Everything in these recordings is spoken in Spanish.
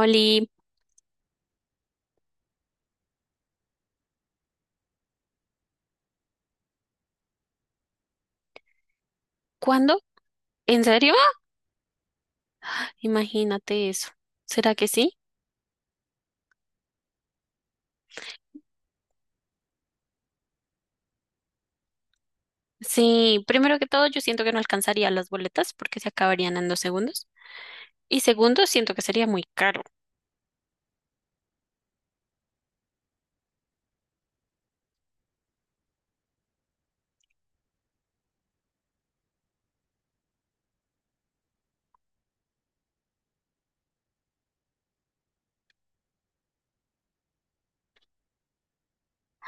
Oli, ¿cuándo? ¿En serio? ¡Ah! Imagínate eso. ¿Será que sí? Sí, primero que todo, yo siento que no alcanzaría las boletas porque se acabarían en 2 segundos. Y segundo, siento que sería muy caro.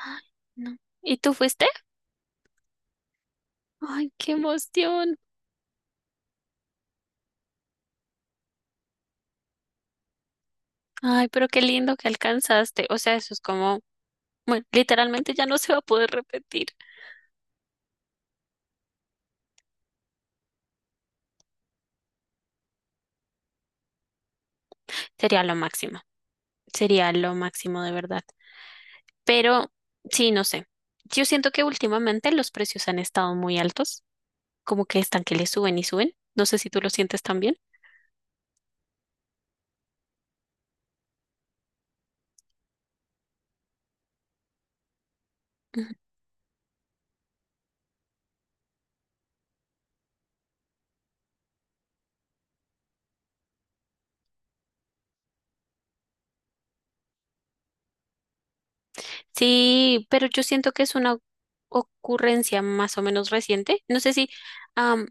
Ay, no. ¿Y tú fuiste? Ay, qué emoción. Ay, pero qué lindo que alcanzaste. O sea, eso es como, bueno, literalmente ya no se va a poder repetir. Sería lo máximo. Sería lo máximo de verdad. Pero, sí, no sé. Yo siento que últimamente los precios han estado muy altos. Como que están que le suben y suben. No sé si tú lo sientes también. Ujú. Sí, pero yo siento que es una ocurrencia más o menos reciente. No sé si, am,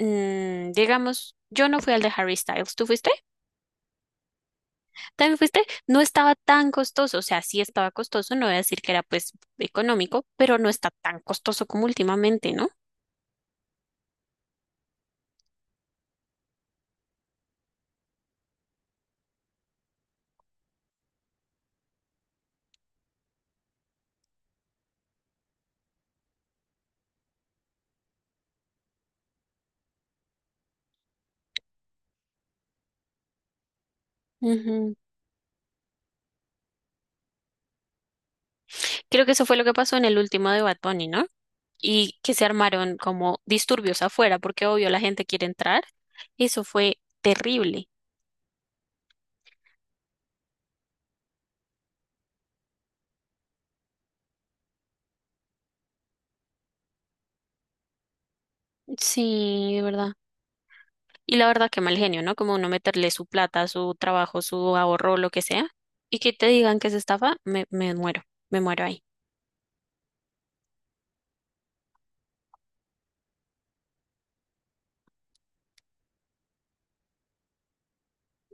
digamos, yo no fui al de Harry Styles. ¿Tú fuiste? ¿También fuiste? No estaba tan costoso. O sea, sí estaba costoso. No voy a decir que era pues económico, pero no está tan costoso como últimamente, ¿no? Ujú. Creo que eso fue lo que pasó en el último de Bad Bunny, ¿no? Y que se armaron como disturbios afuera, porque obvio la gente quiere entrar. Eso fue terrible. Sí, de verdad. Y la verdad que mal genio, ¿no? Como uno meterle su plata, su trabajo, su ahorro, lo que sea, y que te digan que es estafa, me muero, me muero ahí.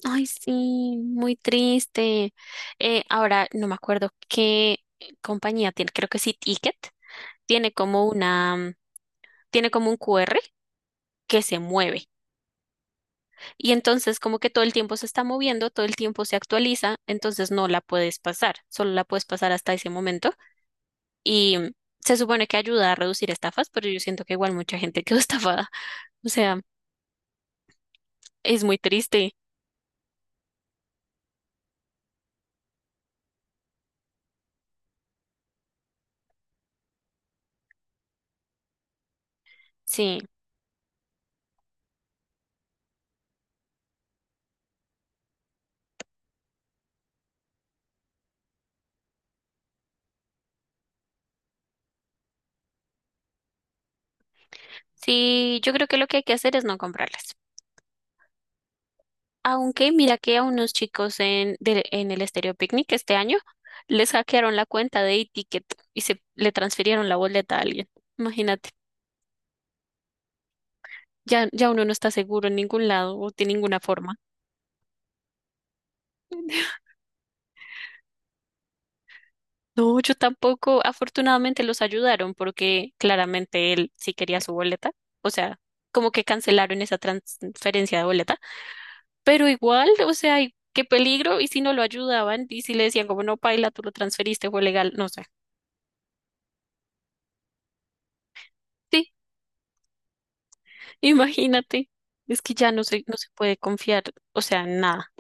Ay, sí, muy triste. Ahora no me acuerdo qué compañía tiene, creo que sí Ticket, tiene como una, tiene como un QR que se mueve. Y entonces como que todo el tiempo se está moviendo, todo el tiempo se actualiza, entonces no la puedes pasar, solo la puedes pasar hasta ese momento. Y se supone que ayuda a reducir estafas, pero yo siento que igual mucha gente quedó estafada. O sea, es muy triste. Sí, sí, yo creo que lo que hay que hacer es no comprarlas. Aunque mira que a unos chicos en el Estéreo Picnic este año les hackearon la cuenta de e-ticket y se le transfirieron la boleta a alguien. Imagínate, ya, ya uno no está seguro en ningún lado o de ninguna forma. No, yo tampoco. Afortunadamente los ayudaron porque claramente él sí quería su boleta. O sea, como que cancelaron esa transferencia de boleta. Pero igual, o sea, y qué peligro. Y si no lo ayudaban y si le decían como no, paila, tú lo transferiste, fue legal. No sé. Sí, imagínate. Es que ya no se puede confiar, o sea, en nada.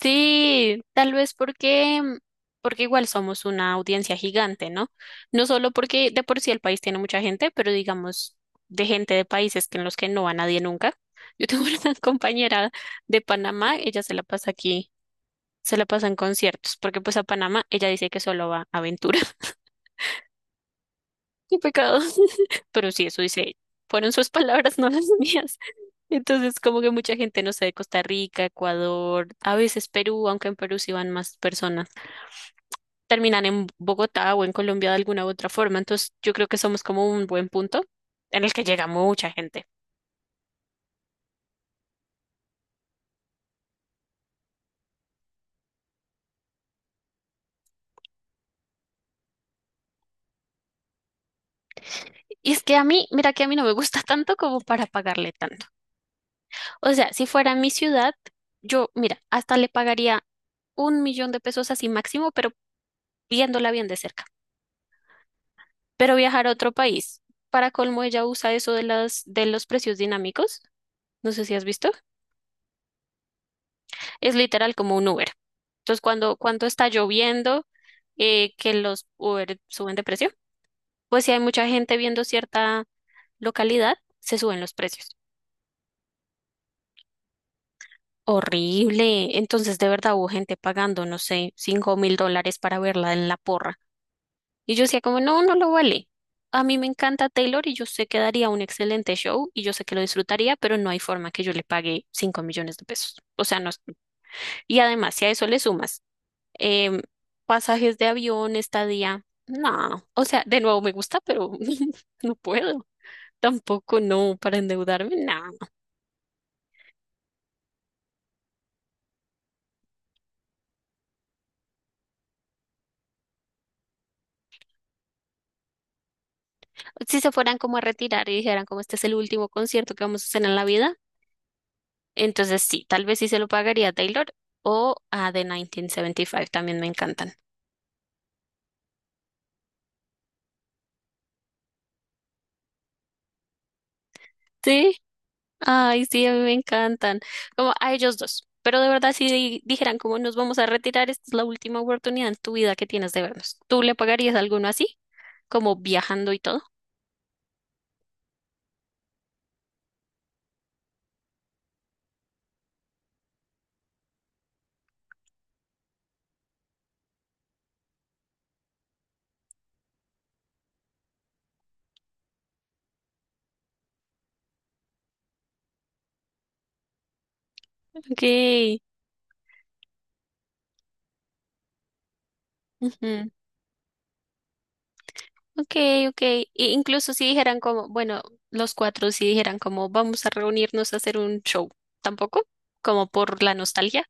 Sí, tal vez porque igual somos una audiencia gigante, ¿no? No solo porque de por sí el país tiene mucha gente, pero digamos de gente de países que en los que no va nadie nunca. Yo tengo una compañera de Panamá, ella se la pasa aquí, se la pasa en conciertos, porque pues a Panamá ella dice que solo va a aventura. Qué pecado. Pero sí, eso dice ella. Fueron sus palabras, no las mías. Entonces, como que mucha gente, no sé, de Costa Rica, Ecuador, a veces Perú, aunque en Perú sí van más personas, terminan en Bogotá o en Colombia de alguna u otra forma. Entonces, yo creo que somos como un buen punto en el que llega mucha gente. Y es que a mí, mira que a mí no me gusta tanto como para pagarle tanto. O sea, si fuera mi ciudad, yo, mira, hasta le pagaría 1 millón de pesos así máximo, pero viéndola bien de cerca. Pero viajar a otro país, para colmo ella usa eso de de los precios dinámicos. No sé si has visto. Es literal como un Uber. Entonces, cuando está lloviendo, que los Uber suben de precio. Pues si hay mucha gente viendo cierta localidad, se suben los precios. Horrible. Entonces, de verdad hubo gente pagando, no sé, 5.000 dólares para verla en la porra. Y yo decía como, no, no lo vale. A mí me encanta Taylor y yo sé que daría un excelente show y yo sé que lo disfrutaría, pero no hay forma que yo le pague 5 millones de pesos. O sea, no. Y además, si a eso le sumas em, pasajes de avión, estadía, no. O sea, de nuevo me gusta, pero no puedo. Tampoco no para endeudarme, no. Si se fueran como a retirar y dijeran como este es el último concierto que vamos a hacer en la vida, entonces sí, tal vez sí se lo pagaría a Taylor o a The 1975, también me encantan. Sí, ay, sí, a mí me encantan. Como a ellos dos. Pero de verdad, si dijeran como nos vamos a retirar, esta es la última oportunidad en tu vida que tienes de vernos. ¿Tú le pagarías a alguno así? Como viajando y todo. Ok. Ujú. Ok, ok. E incluso si dijeran como, bueno, los cuatro si dijeran como, vamos a reunirnos a hacer un show, tampoco, como por la nostalgia.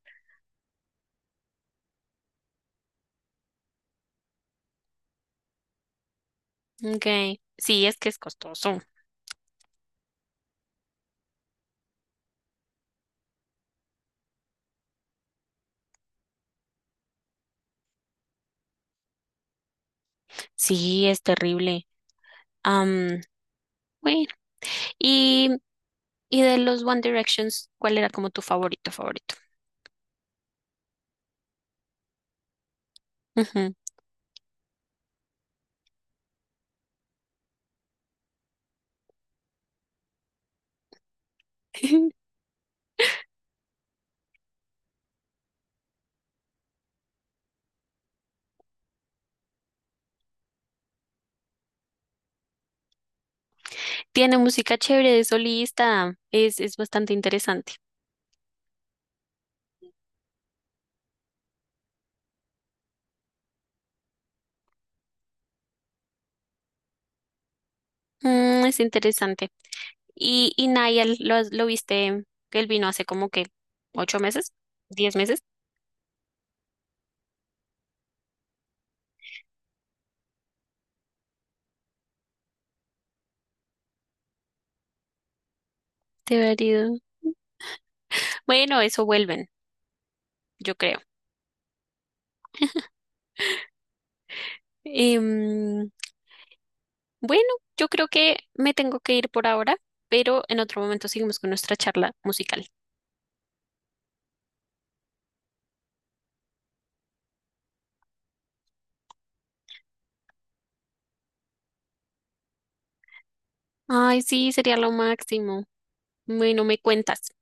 Ok, sí, es que es costoso. Sí, es terrible. Am, bueno, y, y de los One Directions, ¿cuál era como tu favorito, favorito? Ujú. Tiene música chévere de solista, es bastante interesante. Mm, es interesante. Y Niall, lo viste? Que él vino hace como que 8 meses, 10 meses. Te valido. Bueno, eso vuelven, yo creo. Em, bueno, yo creo que me tengo que ir por ahora, pero en otro momento seguimos con nuestra charla musical. Ay, sí, sería lo máximo. Bueno, me cuentas.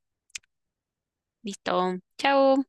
Listo. Chao.